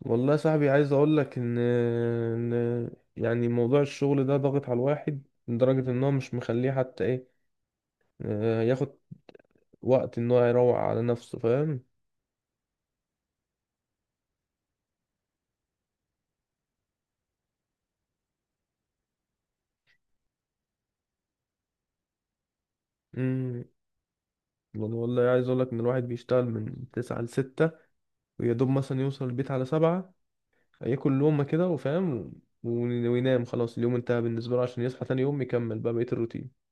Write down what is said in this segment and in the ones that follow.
والله يا صاحبي، عايز اقول لك ان يعني موضوع الشغل ده ضاغط على الواحد لدرجة ان هو مش مخليه حتى ايه، ياخد وقت ان هو يروق على نفسه، فاهم. امم. والله والله عايز اقول لك ان الواحد بيشتغل من 9 لـ 6، ويا دوب مثلا يوصل البيت على 7، ياكل لقمة كده وفاهم و- وينام. خلاص اليوم انتهى بالنسبة له عشان يصحى تاني يوم يكمل بقى بقية الروتين.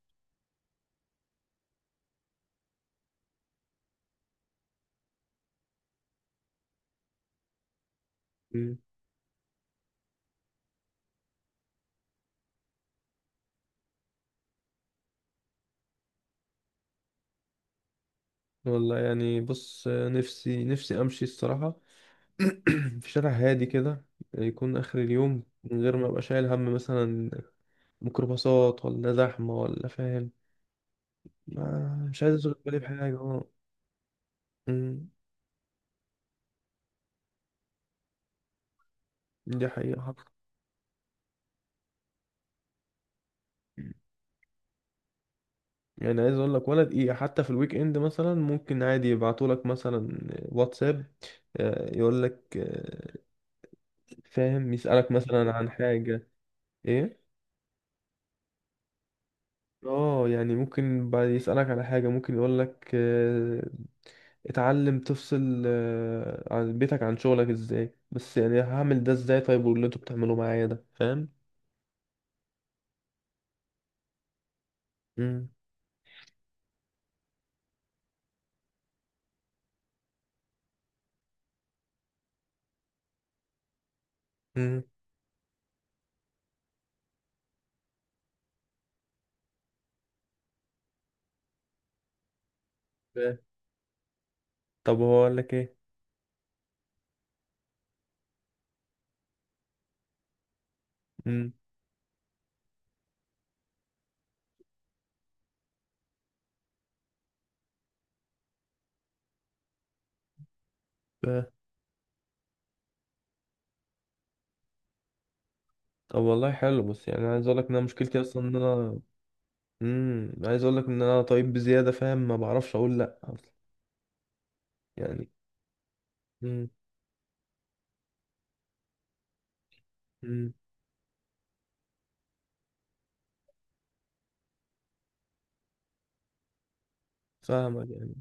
مم. والله يعني بص، نفسي نفسي امشي الصراحة في شارع هادي كده، يكون آخر اليوم من غير ما أبقى شايل هم مثلا، ميكروباصات ولا زحمة ولا فاهم. ما مش عايز أشغل بالي بحاجة. اه. أمم. دي حقيقة حق. يعني عايز أقول لك ولا دقيقة، حتى في الويك إند مثلا ممكن عادي يبعتولك مثلا واتساب، يقول لك، فاهم، يسألك مثلا عن حاجة. إيه؟ اه يعني ممكن بعد يسألك على حاجة، ممكن يقول لك، اتعلم تفصل عن بيتك عن شغلك ازاي. بس يعني هعمل ده ازاي؟ طيب واللي انتوا بتعملوه معايا ده؟ فاهم. امم. امم. فاهم. طب هو اقول لك ايه؟ امم. فاهم. طب والله حلو، بس يعني عايز اقول لك ان انا مشكلتي اصلا ان انا عايز اقول لك ان انا طيب بزياده، فاهم، ما بعرفش اقول لا اصلا يعني. امم. امم. فاهمك يعني.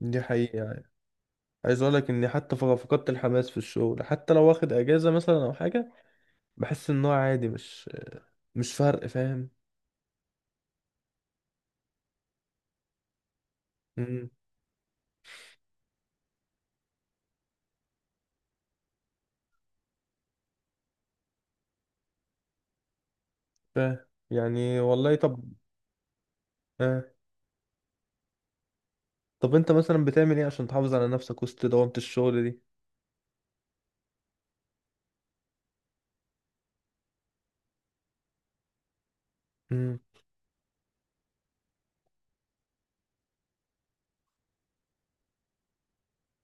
دي حقيقة يعني. عايز اقول لك اني حتى فقدت الحماس في الشغل. حتى لو واخد اجازة مثلا او حاجة، بحس ان هو عادي، مش فرق، فاهم. فاهم يعني، والله. طب، آه. طب انت مثلا بتعمل ايه عشان تحافظ على نفسك وسط دوامة الشغل دي؟ امم.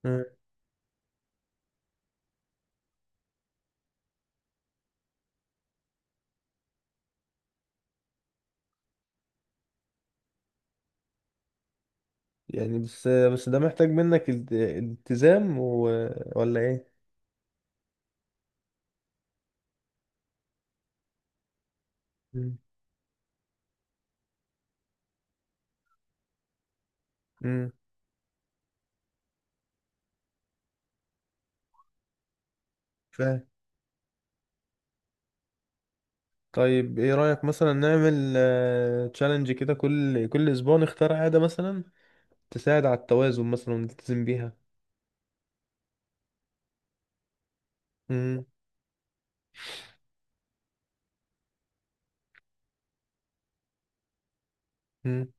آه. يعني بس ده محتاج منك التزام و... ولا ايه؟ امم. امم. فاهم. طيب ايه رأيك مثلا نعمل تشالنج كده، كل اسبوع نختار عادة مثلا تساعد على التوازن مثلا ونلتزم بيها. امم. امم.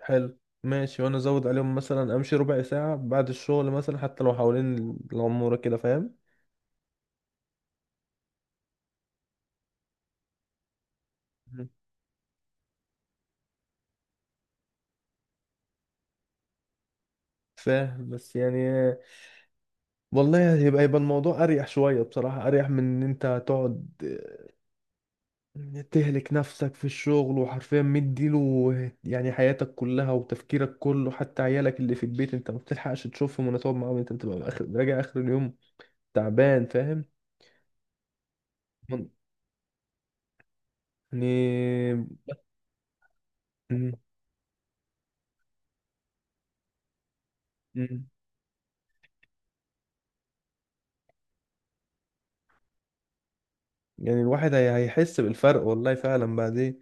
حلو. ماشي، وانا ازود عليهم مثلا امشي ربع ساعة بعد الشغل، مثلا حتى لو حوالين العمورة كده، فاهم. فاهم. بس يعني والله يبقى الموضوع اريح شويه بصراحه، اريح من ان انت تقعد تهلك نفسك في الشغل، وحرفيا مديله يعني حياتك كلها وتفكيرك كله. حتى عيالك اللي في البيت انت ما بتلحقش تشوفهم ولا تقعد معاهم، انت بتبقى اخر راجع اخر اليوم تعبان، فاهم. يعني م- يعني الواحد هيحس بالفرق، والله فعلا. بعدين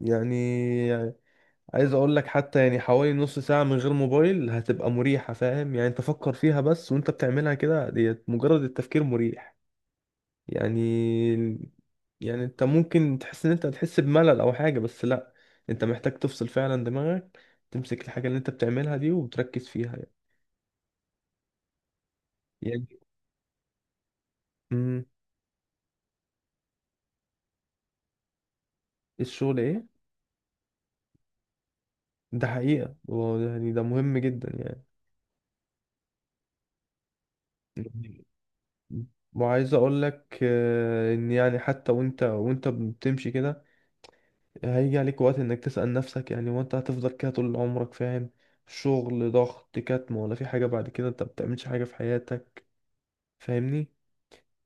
يعني عايز اقول لك، حتى يعني حوالي نص ساعة من غير موبايل هتبقى مريحة، فاهم يعني. انت فكر فيها بس، وانت بتعملها كده ديت مجرد التفكير مريح يعني. يعني انت ممكن تحس ان انت هتحس بملل او حاجة، بس لا، انت محتاج تفصل فعلا دماغك، تمسك الحاجة اللي انت بتعملها دي وتركز فيها يعني امم. الشغل ايه؟ ده حقيقة، هو يعني ده مهم جدا يعني. وعايز اقول لك، ان يعني حتى وانت بتمشي كده، هيجي عليك وقت انك تسأل نفسك يعني، وانت هتفضل كده طول عمرك؟ فاهم. شغل، ضغط، كتم، ولا في حاجة بعد كده؟ انت بتعملش حاجة في حياتك، فاهمني.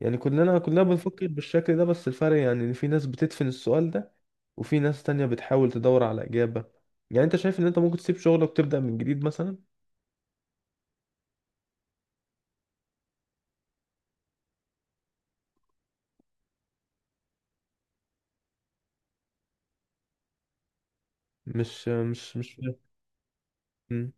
يعني كلنا بنفكر بالشكل ده، بس الفرق يعني ان في ناس بتدفن السؤال ده، وفي ناس تانية بتحاول تدور على إجابة. يعني انت شايف ان انت ممكن تسيب شغلك وتبدأ من جديد مثلا؟ مش فاهم. مم.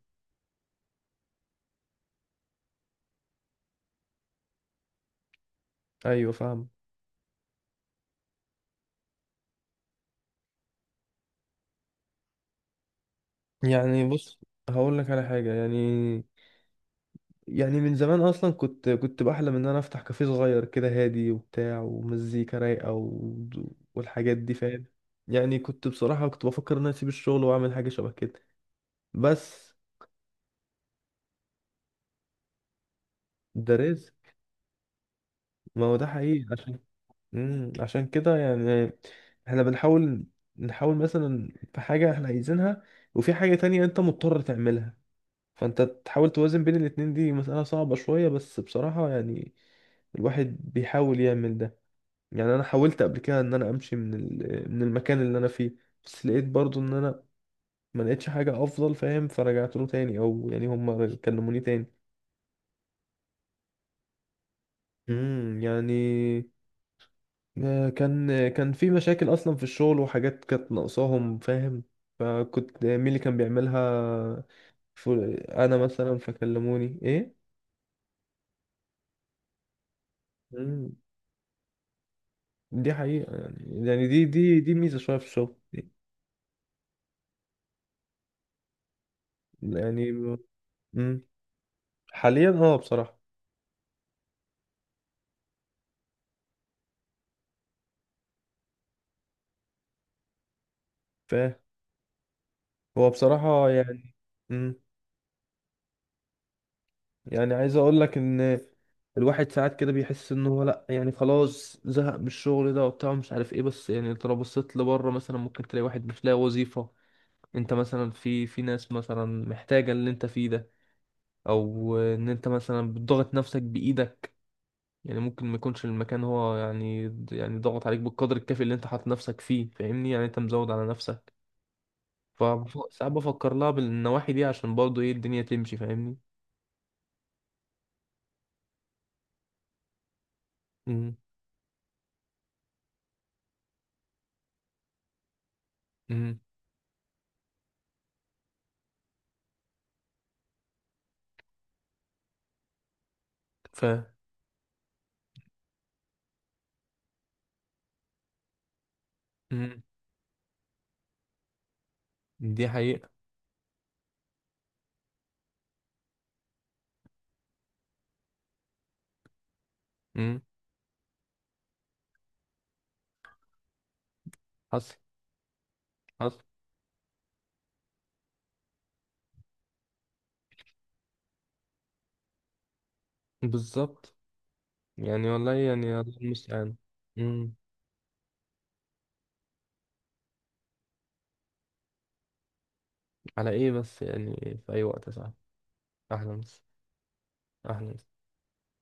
ايوه فاهم. يعني بص، هقول لك على حاجة يعني. يعني من زمان اصلا، كنت بحلم ان انا افتح كافيه صغير كده، هادي وبتاع ومزيكا رايقه و... والحاجات دي، فاهم. يعني كنت بصراحه كنت بفكر ان انا اسيب الشغل واعمل حاجه شبه كده، بس ده رزق. ما هو ده حقيقي عشان، مم. عشان كده يعني احنا بنحاول، نحاول مثلا. في حاجه احنا عايزينها، وفي حاجه تانية انت مضطر تعملها، فانت تحاول توازن بين الاتنين. دي مسألة صعبة شوية، بس بصراحة يعني الواحد بيحاول يعمل ده. يعني انا حاولت قبل كده ان انا امشي من من المكان اللي انا فيه، بس لقيت برضو ان انا ما لقيتش حاجة افضل، فاهم، فرجعت له تاني، او يعني هم كلموني تاني. امم. يعني، كان في مشاكل اصلا في الشغل وحاجات كانت ناقصاهم، فاهم، فكنت مين اللي كان بيعملها، انا مثلا، فكلموني. ايه. امم. دي حقيقة يعني. يعني دي ميزة شوية في الشغل يعني. امم. حاليا اه بصراحة. فاهم. هو بصراحة يعني، مم. يعني عايز اقول لك ان الواحد ساعات كده بيحس ان هو لا، يعني خلاص زهق من الشغل ده وبتاع، مش عارف ايه. بس يعني انت لو بصيت لبره مثلا ممكن تلاقي واحد مش لاقي وظيفة. انت مثلا، في في ناس مثلا محتاجة اللي انت فيه ده، او ان انت مثلا بتضغط نفسك بايدك. يعني ممكن ما يكونش المكان هو يعني، يعني ضغط عليك بالقدر الكافي اللي انت حاطط نفسك فيه، فاهمني، يعني انت مزود على نفسك. فساعات بفكر لها بالنواحي دي عشان برضه ايه الدنيا تمشي، فاهمني. مم. مم. ف، مم. دي حقيقة. مم. حصل. حصل. بالظبط. يعني والله يعني الله المستعان. مم. على ايه بس يعني؟ في اي وقت يا صاحبي. اهلا بس. اهلا.